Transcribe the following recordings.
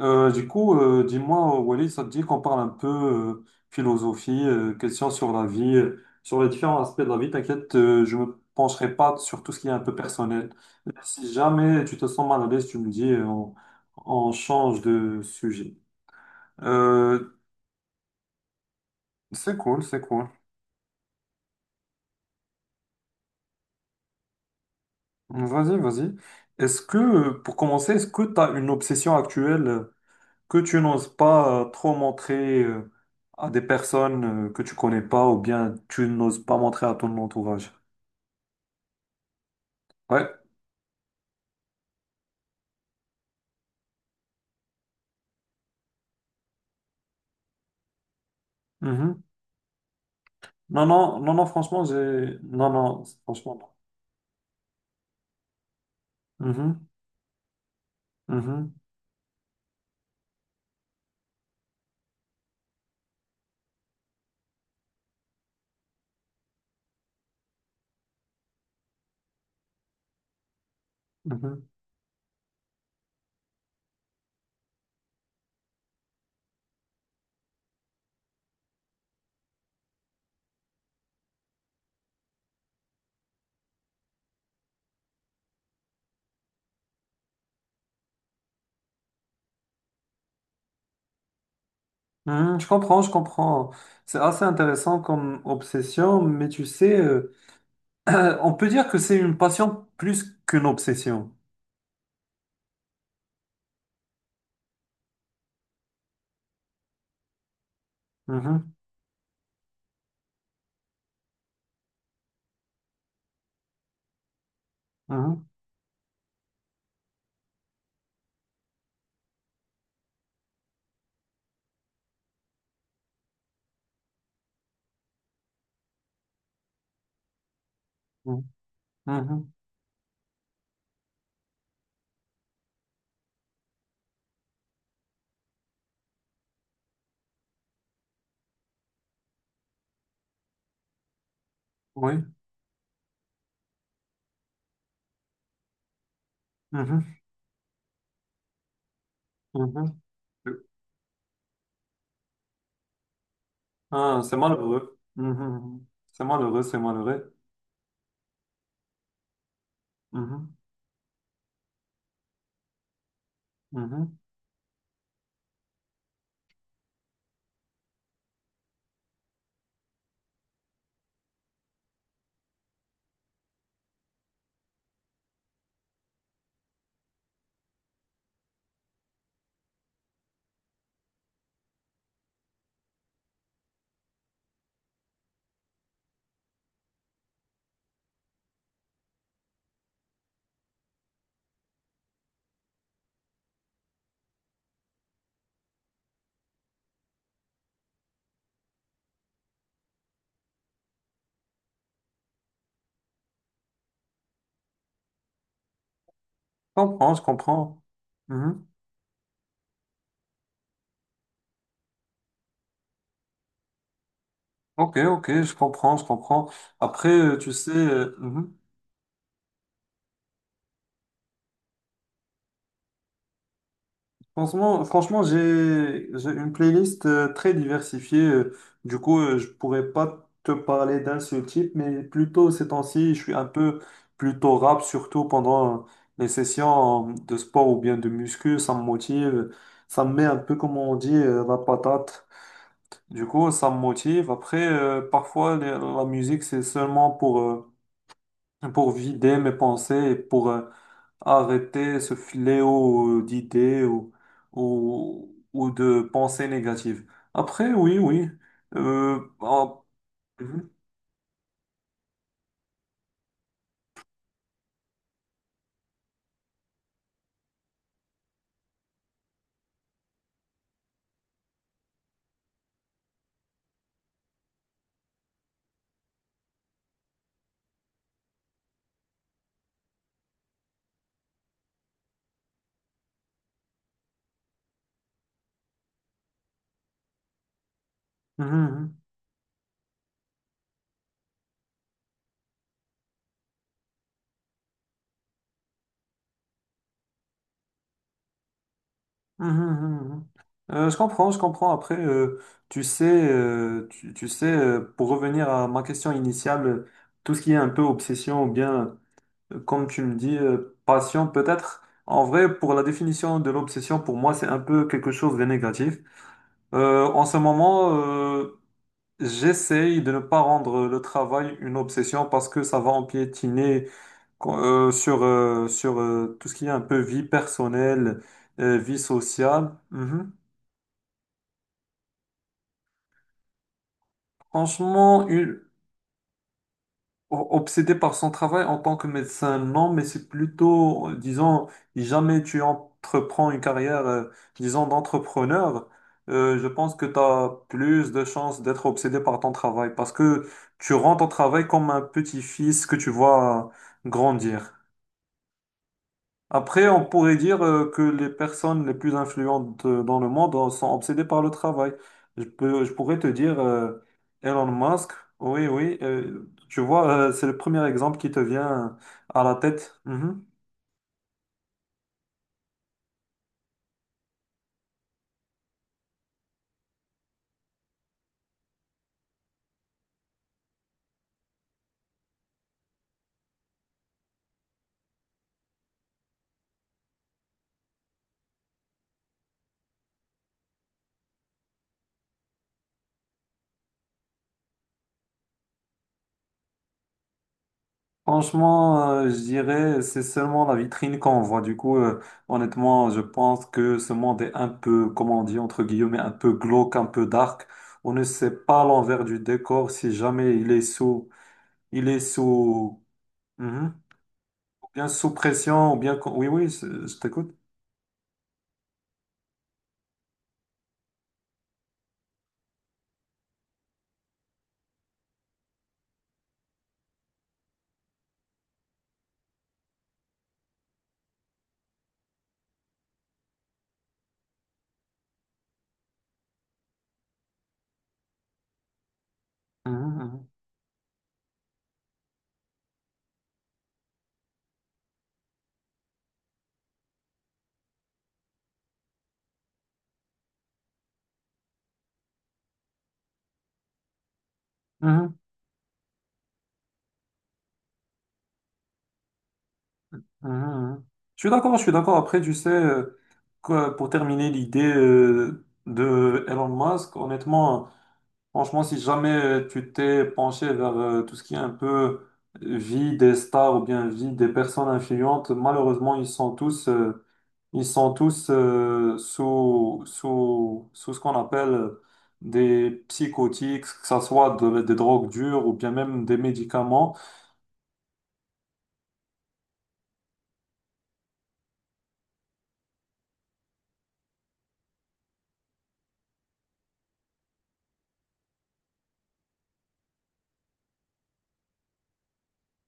Dis-moi, Walid, ça te dit qu'on parle un peu philosophie, questions sur la vie, sur les différents aspects de la vie. T'inquiète, je me pencherai pas sur tout ce qui est un peu personnel. Si jamais tu te sens mal à l'aise, tu me dis, on change de sujet. Euh, c'est cool, c'est cool. Vas-y, vas-y. Est-ce que, pour commencer, est-ce que tu as une obsession actuelle? Que tu n'oses pas trop montrer à des personnes que tu connais pas ou bien tu n'oses pas montrer à ton entourage. Ouais. Mhm. Non, non, non, non, franchement, j'ai... Non, non, franchement, non. Mhm, mhm, mhm. Mhm, je comprends, je comprends. C'est assez intéressant comme obsession, mais tu sais, on peut dire que c'est une passion plus qu'une obsession. Mhm, mhm, mhm, mhm. Oui. Mhm, mhm. Ah, c'est malheureux. Mhm, mhm. C'est malheureux, c'est malheureux. Mhm, mhm. Je comprends, je comprends. Mhm. Ok, ok, je comprends, je comprends. Après, tu sais, mhm. Franchement, j'ai une playlist très diversifiée. Du coup, je pourrais pas te parler d'un seul type, mais plutôt ces temps-ci, je suis un peu plutôt rap, surtout pendant les sessions de sport ou bien de muscu. Ça me motive, ça me met un peu, comme on dit, la patate. Du coup, ça me motive. Après, parfois, la musique, c'est seulement pour vider mes pensées et pour arrêter ce fléau d'idées ou de pensées négatives. Après, oui, oui. Euh, ah, mhm, mhm, mhm, mhm, mhm. Mhm. Je comprends, je comprends. Après, tu sais, tu sais, pour revenir à ma question initiale, tout ce qui est un peu obsession ou bien comme tu me dis, passion peut-être. En vrai, pour la définition de l'obsession, pour moi, c'est un peu quelque chose de négatif. En ce moment, j'essaye de ne pas rendre le travail une obsession parce que ça va empiétiner sur tout ce qui est un peu vie personnelle, vie sociale. Mhm. Franchement, une- obsédé par son travail en tant que médecin, non, mais c'est plutôt, disons, jamais tu entreprends une carrière, disons, d'entrepreneur, je pense que tu as plus de chances d'être obsédé par ton travail parce que tu rends ton travail comme un petit-fils que tu vois grandir. Après, on pourrait dire que les personnes les plus influentes dans le monde sont obsédées par le travail. Je pourrais te dire Elon Musk, oui, oui, tu vois, c'est le premier exemple qui te vient à la tête. Mhm. Franchement, je dirais, c'est seulement la vitrine qu'on voit. Du coup, honnêtement, je pense que ce monde est un peu, comment on dit, entre guillemets, un peu glauque, un peu dark. On ne sait pas l'envers du décor si jamais il est sous. Mhm. Bien sous pression, ou bien... oui, oui, c'est- je t'écoute. Mhm, mhm, mhm, mhm, mhm. Je suis d'accord, je suis d'accord. Après, tu sais, pour terminer l'idée de Elon Musk, honnêtement, franchement, si jamais tu t'es penché vers tout ce qui est un peu vie des stars ou bien vie des personnes influentes, malheureusement, ils sont tous sous ce qu'on appelle des psychotiques, que ce soit des drogues dures ou bien même des médicaments.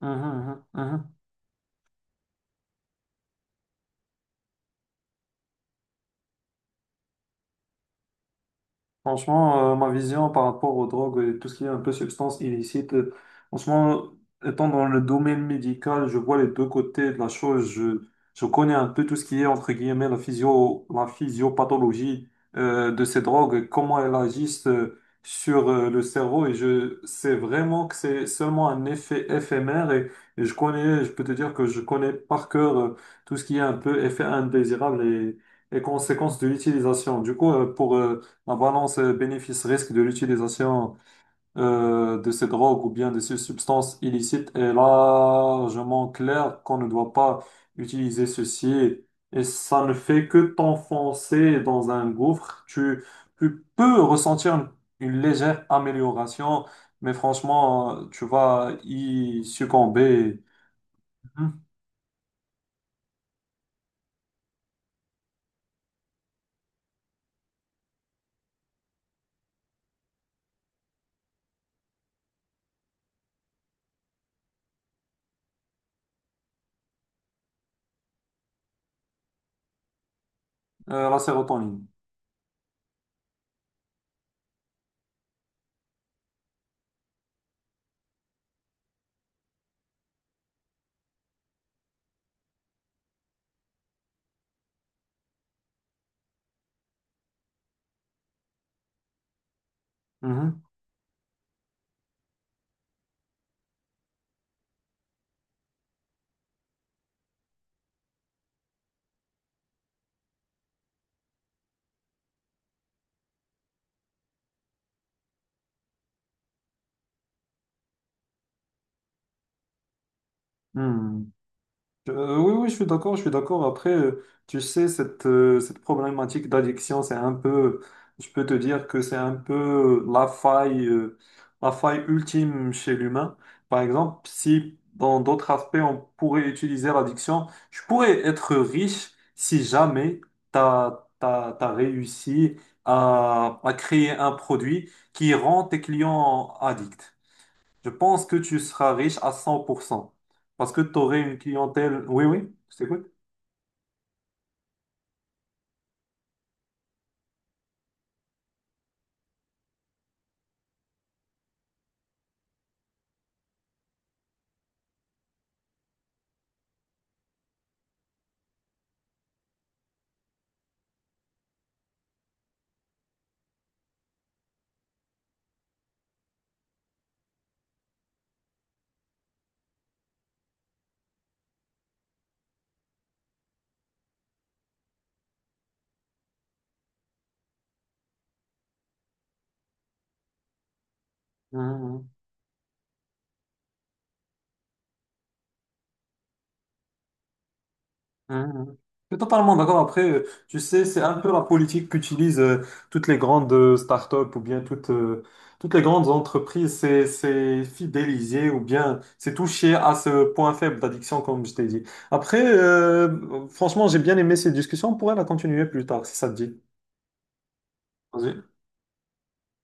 Mhm, mhm, mhm. Franchement, ma vision par rapport aux drogues et tout ce qui est un peu substance illicite, franchement, étant dans le domaine médical, je vois les deux côtés de la chose. Je connais un peu tout ce qui est, entre guillemets, la physiopathologie de ces drogues, comment elles agissent sur le cerveau. Et je sais vraiment que c'est seulement un effet éphémère. Et je connais, je peux te dire que je connais par cœur tout ce qui est un peu effet indésirable et conséquences de l'utilisation. Du coup, la balance bénéfice-risque de l'utilisation de ces drogues ou bien de ces substances illicites est largement claire qu'on ne doit pas utiliser ceci et ça ne fait que t'enfoncer dans un gouffre. Tu peux ressentir une légère amélioration, mais franchement, tu vas y succomber. Mhm. La sérotonine. Mhm. Hmm. Oui, oui, je suis d'accord, je suis d'accord. Après, tu sais, cette problématique d'addiction, c'est un peu, je peux te dire que c'est un peu la faille ultime chez l'humain. Par exemple, si dans d'autres aspects, on pourrait utiliser l'addiction, je pourrais être riche si jamais t'as réussi à créer un produit qui rend tes clients addicts. Je pense que tu seras riche à 100% parce que tu aurais une clientèle. Oui, oui, je t'écoute. Mhm, mhm. Je suis totalement d'accord. Après, tu sais, c'est un peu la politique qu'utilisent toutes les grandes startups ou bien toutes les grandes entreprises. C'est fidéliser ou bien c'est toucher à ce point faible d'addiction, comme je t'ai dit. Après, franchement, j'ai bien aimé ces discussions. On pourrait la continuer plus tard, si ça te dit. Vas-y.